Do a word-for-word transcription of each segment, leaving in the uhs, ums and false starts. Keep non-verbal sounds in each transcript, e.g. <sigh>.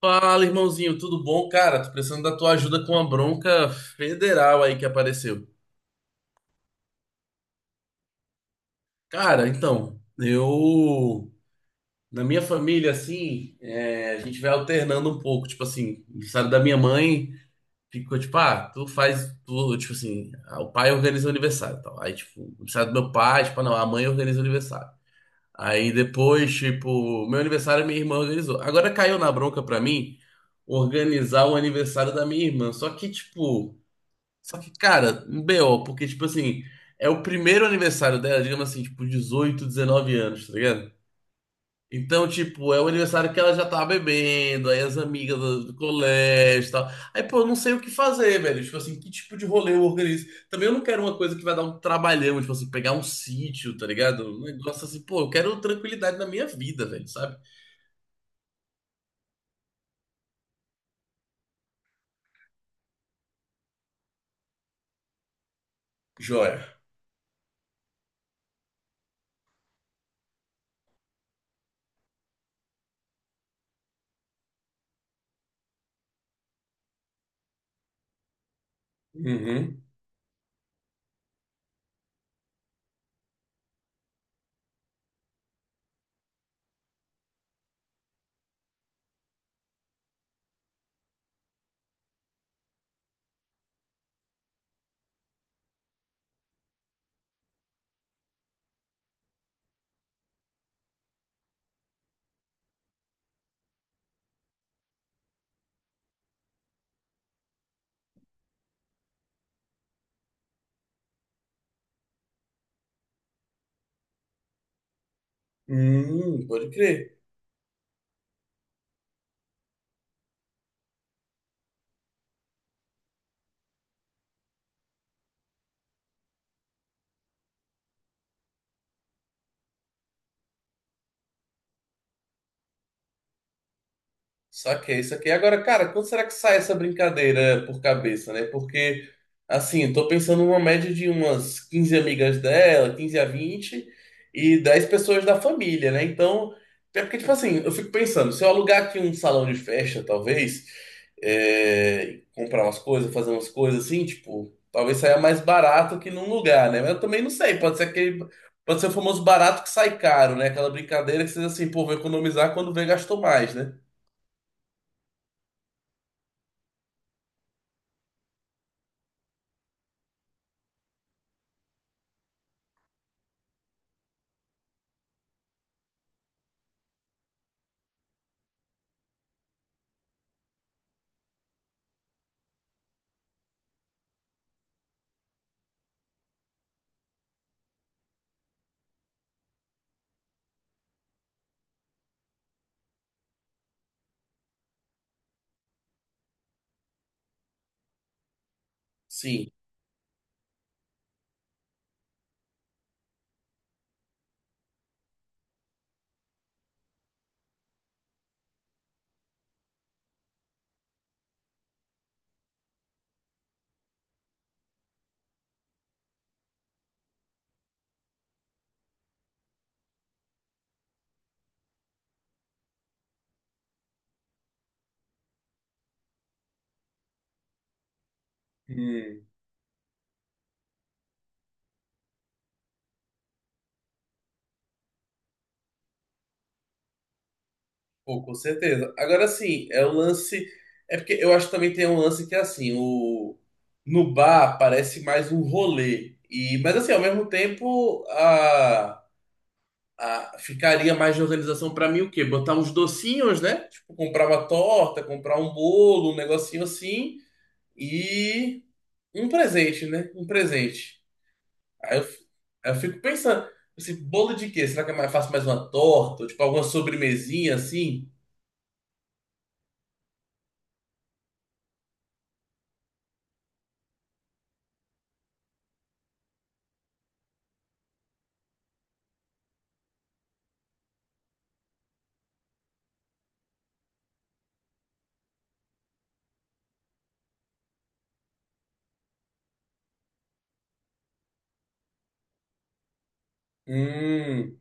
Fala, irmãozinho, tudo bom? Cara, tô precisando da tua ajuda com uma bronca federal aí que apareceu. Cara, então, eu. Na minha família, assim, é, a gente vai alternando um pouco. Tipo assim, aniversário da minha mãe ficou tipo, ah, tu faz. Tu, tipo assim, ah, o pai organiza o aniversário e tal. Aí, tipo, o aniversário do meu pai, tipo, ah, não, a mãe organiza o aniversário. Aí depois, tipo, meu aniversário minha irmã organizou. Agora caiu na bronca pra mim organizar o aniversário da minha irmã. Só que, tipo. Só que, cara, um B O, porque, tipo assim, é o primeiro aniversário dela, digamos assim, tipo, dezoito, dezenove anos, tá ligado? Então, tipo, é o aniversário que ela já tava bebendo, aí as amigas do, do colégio e tal. Aí, pô, eu não sei o que fazer, velho. Tipo assim, que tipo de rolê eu organizo? Também eu não quero uma coisa que vai dar um trabalhão, tipo assim, pegar um sítio, tá ligado? Um negócio assim, pô, eu quero tranquilidade na minha vida, velho, sabe? Joia. Uhum. Hum, pode crer. Saquei, saquei. Agora, cara, quando será que sai essa brincadeira por cabeça, né? Porque, assim, eu tô pensando numa média de umas quinze amigas dela, quinze a vinte e dez pessoas da família, né? Então, é porque, tipo assim, eu fico pensando, se eu alugar aqui um salão de festa, talvez, é, comprar umas coisas, fazer umas coisas assim, tipo, talvez saia mais barato que num lugar, né? Mas eu também não sei, pode ser aquele, pode ser o famoso barato que sai caro, né? Aquela brincadeira que vocês, assim, pô, vou economizar quando vê, gastou mais, né? Sim. Hum, pô, com certeza. Agora sim, é o lance. É porque eu acho que também tem um lance que é assim, o no bar parece mais um rolê. E, mas assim, ao mesmo tempo, a, a ficaria mais de organização pra mim o quê? Botar uns docinhos, né? Tipo, comprar uma torta, comprar um bolo, um negocinho assim, e um presente, né? Um presente. Aí eu, fi- aí eu fico pensando, esse bolo de quê? Será que eu faço mais uma torta? Ou, tipo, alguma sobremesinha assim? Hum.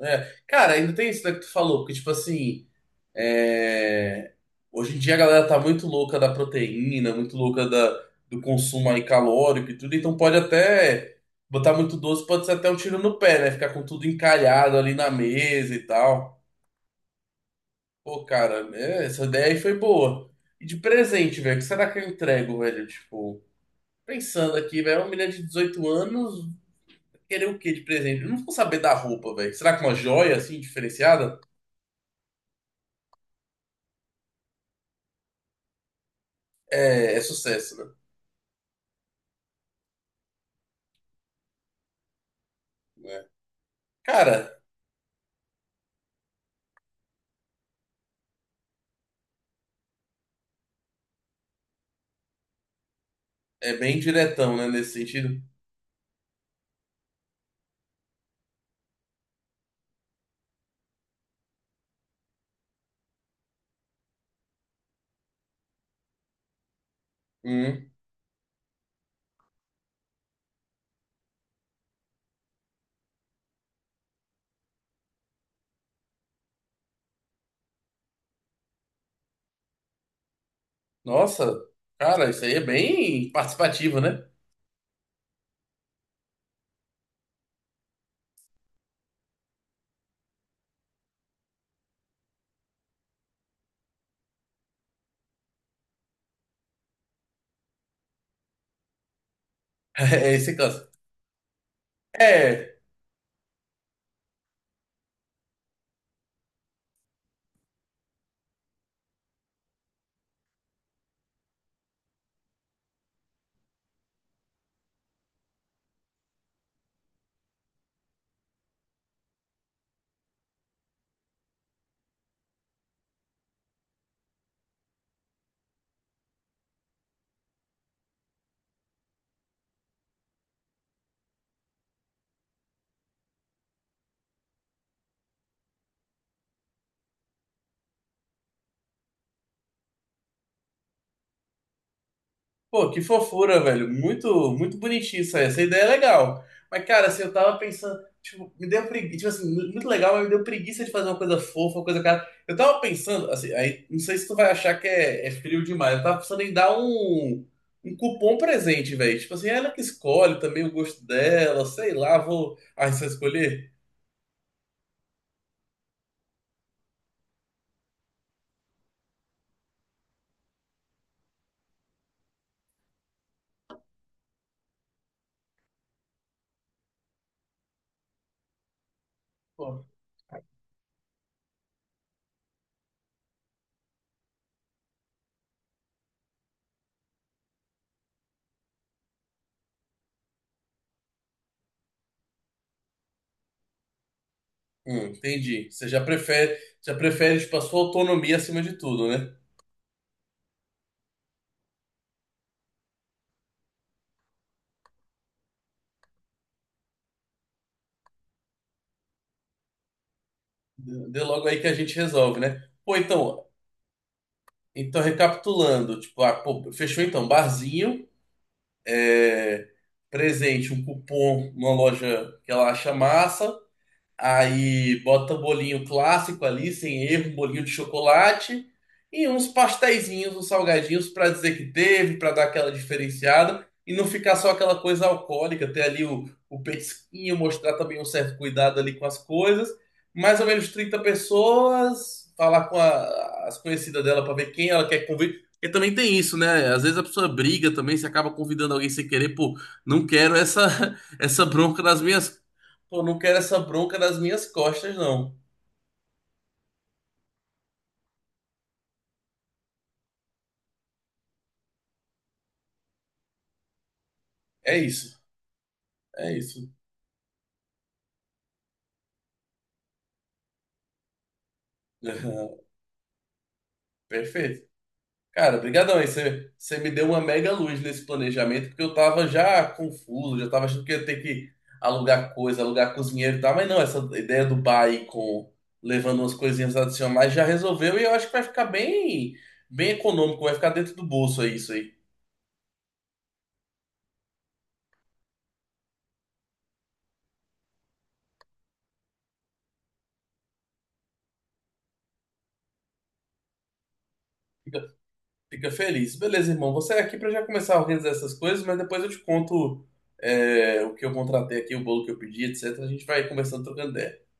É, cara, ainda tem isso né, que tu falou, porque, tipo assim, é, hoje em dia a galera tá muito louca da proteína, muito louca da, do consumo aí calórico e tudo, então pode até botar muito doce, pode ser até um tiro no pé, né? Ficar com tudo encalhado ali na mesa e tal. Pô, cara, é, essa ideia aí foi boa. E de presente, velho, o que será que eu entrego, velho? Tipo, pensando aqui, velho, uma menina de dezoito anos, querer o quê de presente? Eu não vou saber da roupa, velho. Será que uma joia, assim, diferenciada? É, é sucesso, né? Né? Cara, é bem diretão, né, nesse sentido. Hum. Nossa, cara, isso aí é bem participativo, né? <laughs> É, esse cansa. É. Pô, que fofura, velho. Muito, muito bonitinho isso aí. Essa ideia é legal. Mas, cara, assim, eu tava pensando, tipo, me deu preguiça, tipo assim, muito legal, mas me deu preguiça de fazer uma coisa fofa, uma coisa cara. Eu tava pensando, assim, aí, não sei se tu vai achar que é, é frio demais. Eu tava pensando em dar um, um cupom presente, velho. Tipo assim, ela que escolhe também o gosto dela, sei lá, vou. Ah, você vai escolher? Pô, hum, entendi. Você já prefere, já prefere, tipo, a sua autonomia acima de tudo, né? Dê dê logo aí que a gente resolve, né? Pô, então, Então, recapitulando, tipo, ah, pô, fechou então, barzinho, é, presente, um cupom numa loja que ela acha massa, aí bota bolinho clássico ali, sem erro, um bolinho de chocolate e uns pasteizinhos, uns salgadinhos para dizer que teve, para dar aquela diferenciada e não ficar só aquela coisa alcoólica, ter ali o, o petisquinho, mostrar também um certo cuidado ali com as coisas. Mais ou menos trinta pessoas, falar com a- as conhecidas dela para ver quem ela quer convidar. Porque também tem isso, né? Às vezes a pessoa briga também, se acaba convidando alguém sem querer, pô, não quero essa <laughs> essa bronca nas minhas Pô, não quero essa bronca nas minhas costas, não. É isso. É isso. <laughs> Perfeito. Cara, brigadão aí. Você você me deu uma mega luz nesse planejamento, porque eu tava já confuso, já tava achando que ia ter que alugar coisa, alugar cozinheiro e tal, mas não, essa ideia do bar aí com levando umas coisinhas adicionais já resolveu e eu acho que vai ficar bem, bem econômico, vai ficar dentro do bolso aí isso aí. Fica feliz. Beleza, irmão. Você é aqui para já começar a organizar essas coisas, mas depois eu te conto é, o que eu contratei aqui, o bolo que eu pedi, etecetera. A gente vai conversando, trocando ideia.